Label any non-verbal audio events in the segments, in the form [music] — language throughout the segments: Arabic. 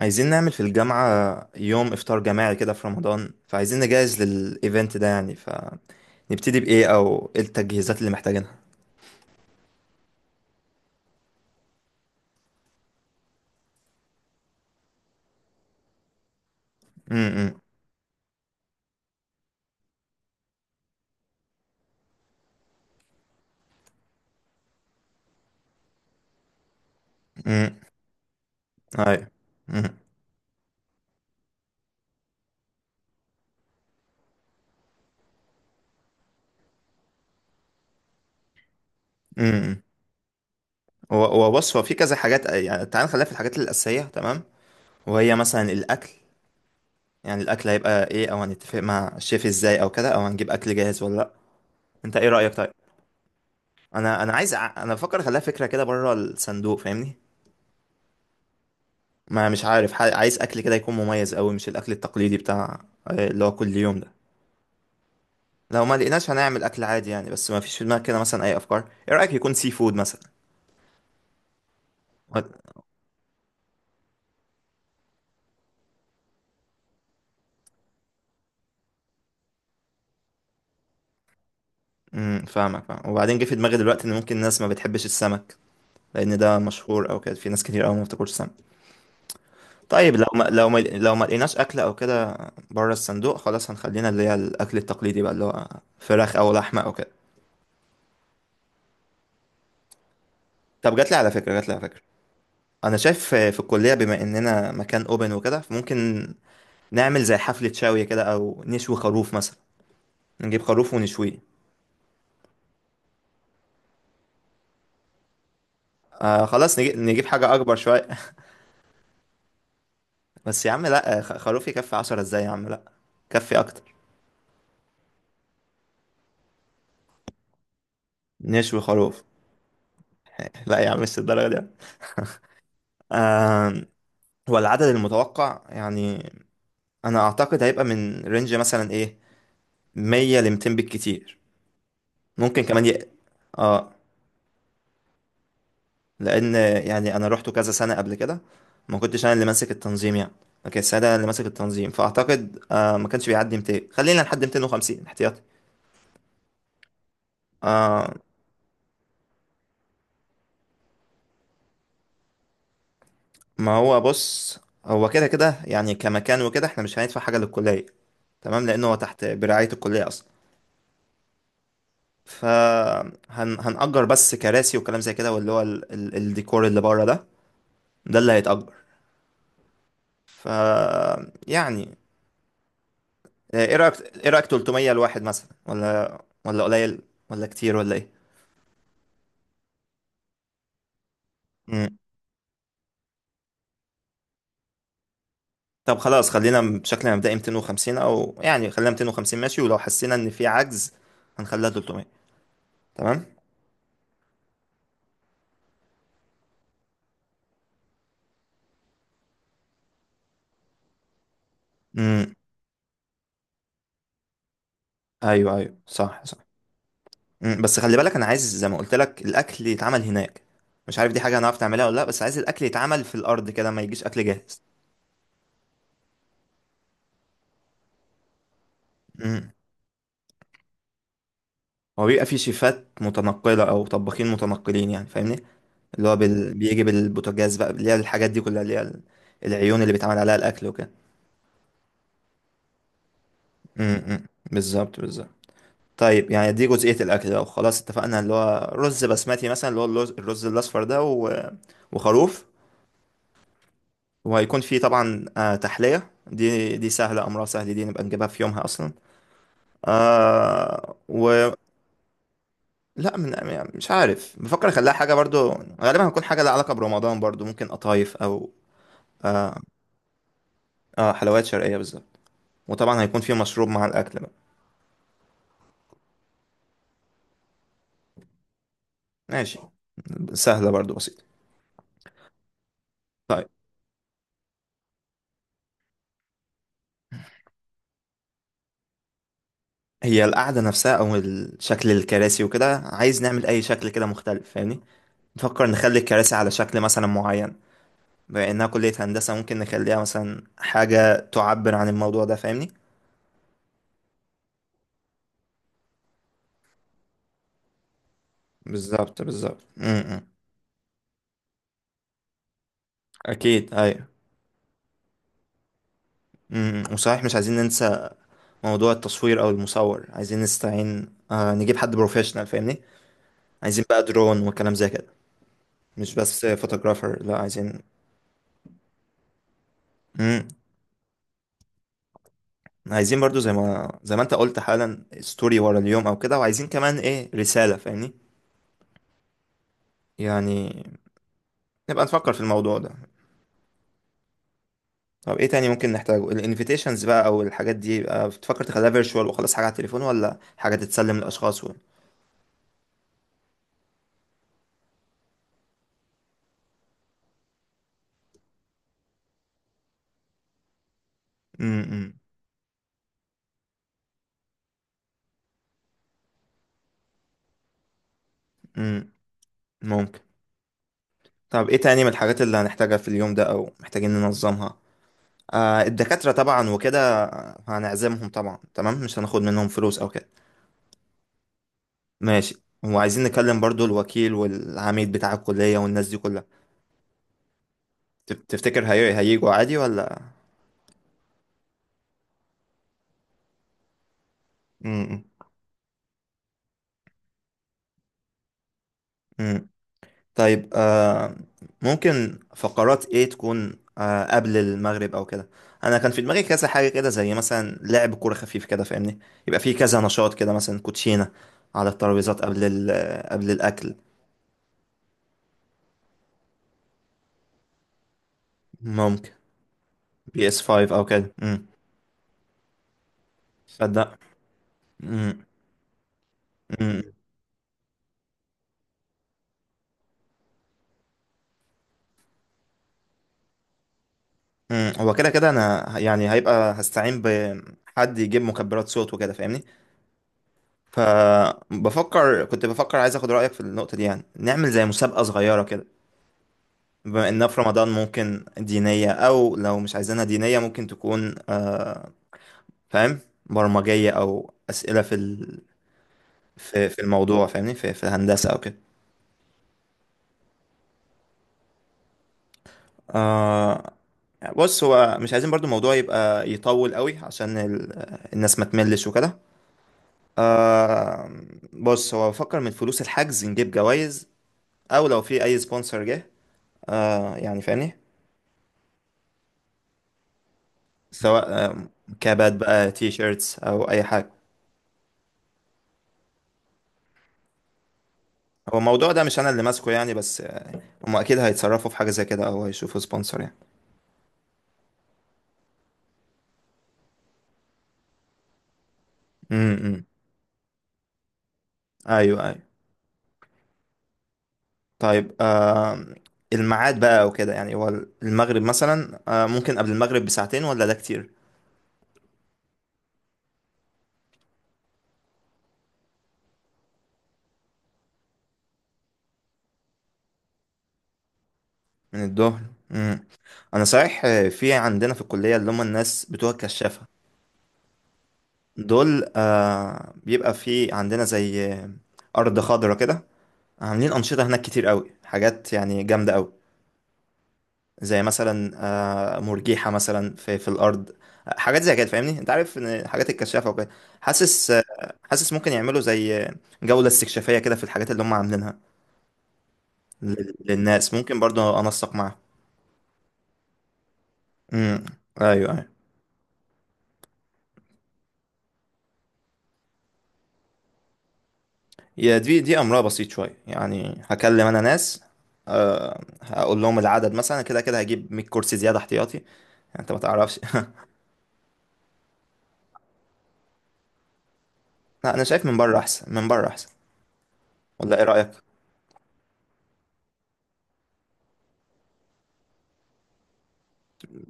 عايزين نعمل في الجامعة يوم إفطار جماعي كده في رمضان، فعايزين نجهز للإيفنت ده يعني. فنبتدي بإيه أو إيه التجهيزات اللي محتاجينها؟ امم. امم. أيوة. امم. امم. وبص، هو في كذا حاجات يعني، تعال نخليها في الحاجات الأساسية. تمام. وهي مثلا الأكل، يعني الأكل هيبقى إيه، أو هنتفق مع الشيف إزاي أو كده، أو هنجيب أكل جاهز ولا لأ؟ أنت إيه رأيك طيب؟ أنا بفكر أخليها فكرة كده بره الصندوق فاهمني؟ ما مش عارف، عايز اكل كده يكون مميز قوي، مش الاكل التقليدي بتاع اللي هو كل يوم ده. لو ما لقيناش هنعمل اكل عادي يعني، بس ما فيش في دماغك كده مثلا اي افكار؟ ايه رايك يكون سي فود مثلا؟ و- امم. فاهمك فاهم، وبعدين جه في دماغي دلوقتي ان ممكن الناس ما بتحبش السمك، لان ده مشهور او كده، في ناس كتير قوي ما بتاكلش سمك. طيب لو ما لقيناش اكل او كده بره الصندوق، خلاص هنخلينا اللي هي الاكل التقليدي بقى اللي هو فراخ او لحمه او كده. طب جات لي على فكره جات لي على فكره، انا شايف في الكليه بما اننا مكان اوبن وكده، فممكن نعمل زي حفلة شاوية كده أو نشوي خروف مثلا، نجيب خروف ونشويه. آه خلاص، نجيب حاجة أكبر شوية. [laughs] بس يا عم لأ، خروف يكفي عشرة إزاي؟ يا عم لأ، كفي أكتر، نشوي خروف. [laughs] لأ يا عم مش الدرجة دي. آه. هو العدد المتوقع يعني، أنا أعتقد هيبقى من رينج مثلا إيه، مية لمتين بالكتير. ممكن كمان ي... اه. لان، يعني انا روحته كذا سنه قبل كده، ما كنتش انا اللي ماسك التنظيم يعني، ما كانش انا اللي ماسك التنظيم. فاعتقد ما كانش بيعدي 200، خلينا لحد 250 احتياطي. آه. ما هو بص، هو كده كده يعني كمكان وكده احنا مش هندفع حاجه للكليه، تمام، لانه هو تحت برعايه الكليه اصلا. فهنأجر بس كراسي وكلام زي كده، واللي هو ال الديكور اللي بره ده، ده اللي هيتأجر. ف يعني، ايه رايك؟ 300 لواحد مثلا، ولا قليل، ولا كتير، ولا ايه؟ مم. طب خلاص خلينا بشكل مبدئي 250، او يعني خلينا 250 ماشي، ولو حسينا ان في عجز هنخليها 300. تمام. امم. ايوه ايوه صح صح. مم. بس خلي بالك انا عايز زي ما قلت لك الاكل يتعمل هناك، مش عارف دي حاجه هنعرف نعملها ولا لا، بس عايز الاكل يتعمل في الارض كده، ما يجيش اكل جاهز. امم. هو بيبقى في شيفات متنقله او طباخين متنقلين يعني، فاهمني، اللي هو بال... بيجي بالبوتاجاز بقى، اللي هي الحاجات دي كلها اللي هي العيون اللي بيتعمل عليها الاكل وكده. امم. بالظبط بالظبط. طيب يعني دي جزئية الأكل، لو خلاص اتفقنا اللي هو رز بسمتي مثلا اللي هو الرز الأصفر ده، و... وخروف. وهيكون فيه طبعا تحلية، دي سهلة، أمرها سهل، دي نبقى نجيبها في يومها أصلا. آه و لا من يعني، مش عارف بفكر أخليها حاجة برضو، غالبا هتكون حاجة لها علاقة برمضان برضو، ممكن قطايف أو آه, آه حلويات شرقية بالظبط. وطبعا هيكون فيه مشروب مع الأكل. ماشي. سهلة برضو بسيطة. طيب، هي القعدة نفسها، أو شكل الكراسي وكده، عايز نعمل أي شكل كده مختلف فاهمني، نفكر نخلي الكراسي على شكل مثلا معين. بما إنها كلية هندسة ممكن نخليها مثلا حاجة تعبر عن الموضوع ده فاهمني. بالظبط بالظبط. م- م. أكيد أيوة. م- م. وصحيح مش عايزين ننسى موضوع التصوير أو المصور، عايزين نستعين نجيب حد بروفيشنال فاهمني، عايزين بقى درون وكلام زي كده، مش بس فوتوغرافر، لا عايزين. عايزين برضو زي ما انت قلت حالا ستوري ورا اليوم او كده، وعايزين كمان ايه رسالة فاهمني. يعني نبقى نفكر في الموضوع ده. طب ايه تاني ممكن نحتاجه؟ الانفيتيشنز بقى، او الحاجات دي بقى، بتفكر تخليها فيرتشوال وخلاص حاجة على التليفون، ولا حاجة تتسلم للاشخاص و...؟ امم. امم. ممكن. طب ايه تاني من الحاجات اللي هنحتاجها في اليوم ده او محتاجين ننظمها؟ الدكاترة طبعا وكده، هنعزمهم طبعا، تمام، مش هناخد منهم فلوس او كده. ماشي. وعايزين نكلم برضو الوكيل والعميد بتاع الكلية والناس دي كلها. تفتكر هي... هيجوا عادي ولا؟ امم. امم. طيب ممكن فقرات ايه تكون قبل المغرب او كده؟ انا كان في دماغي كذا حاجه كده، زي مثلا لعب كوره خفيف كده فاهمني، يبقى في كذا نشاط كده مثلا كوتشينه على الترابيزات قبل ال... قبل الاكل. ممكن بي اس 5 او كده. امم. صدق. امم. امم. امم. هو كده كده انا يعني هيبقى هستعين بحد يجيب مكبرات صوت وكده فاهمني. كنت بفكر عايز اخد رأيك في النقطة دي، يعني نعمل زي مسابقة صغيرة كده، بما انها في رمضان ممكن دينية، او لو مش عايزينها دينية ممكن تكون فاهم، برمجية او اسئلة في ال... في الموضوع فاهمني، في الهندسة او كده. آه. بص هو مش عايزين برضو الموضوع يبقى يطول قوي عشان ال... الناس ما تملش وكده. آه. بص هو بفكر من فلوس الحجز نجيب جوائز، او لو في اي سبونسر جه يعني فاهمني، سواء كابات بقى تي شيرتس او اي حاجه. هو الموضوع ده مش انا اللي ماسكه يعني، بس هم اكيد هيتصرفوا في حاجه زي كده او هيشوفوا سبونسر يعني. امم. ايوه ايوه. طيب آه. الميعاد بقى وكده يعني، هو المغرب مثلا، ممكن قبل المغرب بساعتين ولا ده كتير؟ من الظهر. امم. انا صحيح في عندنا في الكليه اللي هم الناس بتوع الكشافه دول، بيبقى في عندنا زي ارض خضراء كده، عاملين انشطه هناك كتير قوي، حاجات يعني جامده قوي، زي مثلا مرجيحة مثلا في الأرض، حاجات زي كده فاهمني، انت عارف ان الحاجات الكشافة وكده. حاسس آه، حاسس ممكن يعملوا زي جولة استكشافية كده في الحاجات اللي هم عاملينها للناس، ممكن برضو انسق معاهم. امم. ايوه ايوه. يا دي، دي امرها بسيط شوية يعني، هكلم انا ناس، هقول لهم العدد مثلا، كده كده هجيب 100 كرسي زيادة احتياطي يعني، انت ما تعرفش. [laughs] لا انا شايف من بره احسن، من بره احسن. ولا ايه رأيك؟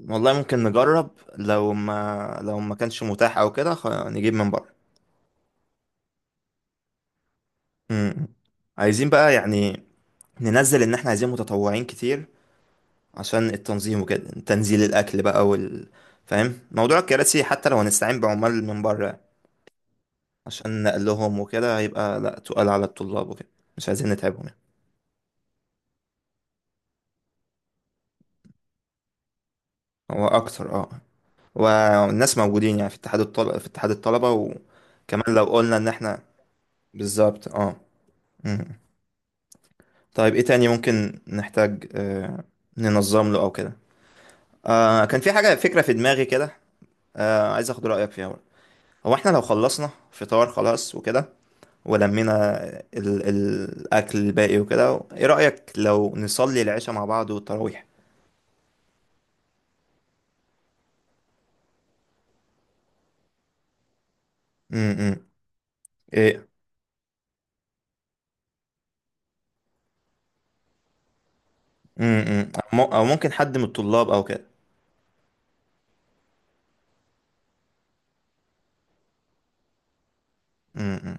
والله ممكن نجرب، لو ما كانش متاح او كده، نجيب من بره. مم. عايزين بقى يعني ننزل ان احنا عايزين متطوعين كتير عشان التنظيم وكده، تنزيل الاكل بقى فاهم موضوع الكراسي، حتى لو هنستعين بعمال من بره عشان نقلهم وكده، هيبقى لا تقال على الطلاب وكده، مش عايزين نتعبهم يعني. هو اكتر، اه. والناس موجودين يعني في اتحاد الطلبة، وكمان لو قلنا ان احنا بالظبط اه. مم. طيب ايه تاني ممكن نحتاج ننظم له او كده؟ كان في حاجة فكرة في دماغي كده، عايز اخد رأيك فيها برضه. هو احنا لو خلصنا فطار خلاص وكده، ولمينا الاكل الباقي وكده، ايه رأيك لو نصلي العشاء مع بعض والتراويح؟ امم. ايه. امم. او أو ممكن حد من الطلاب او كده. امم.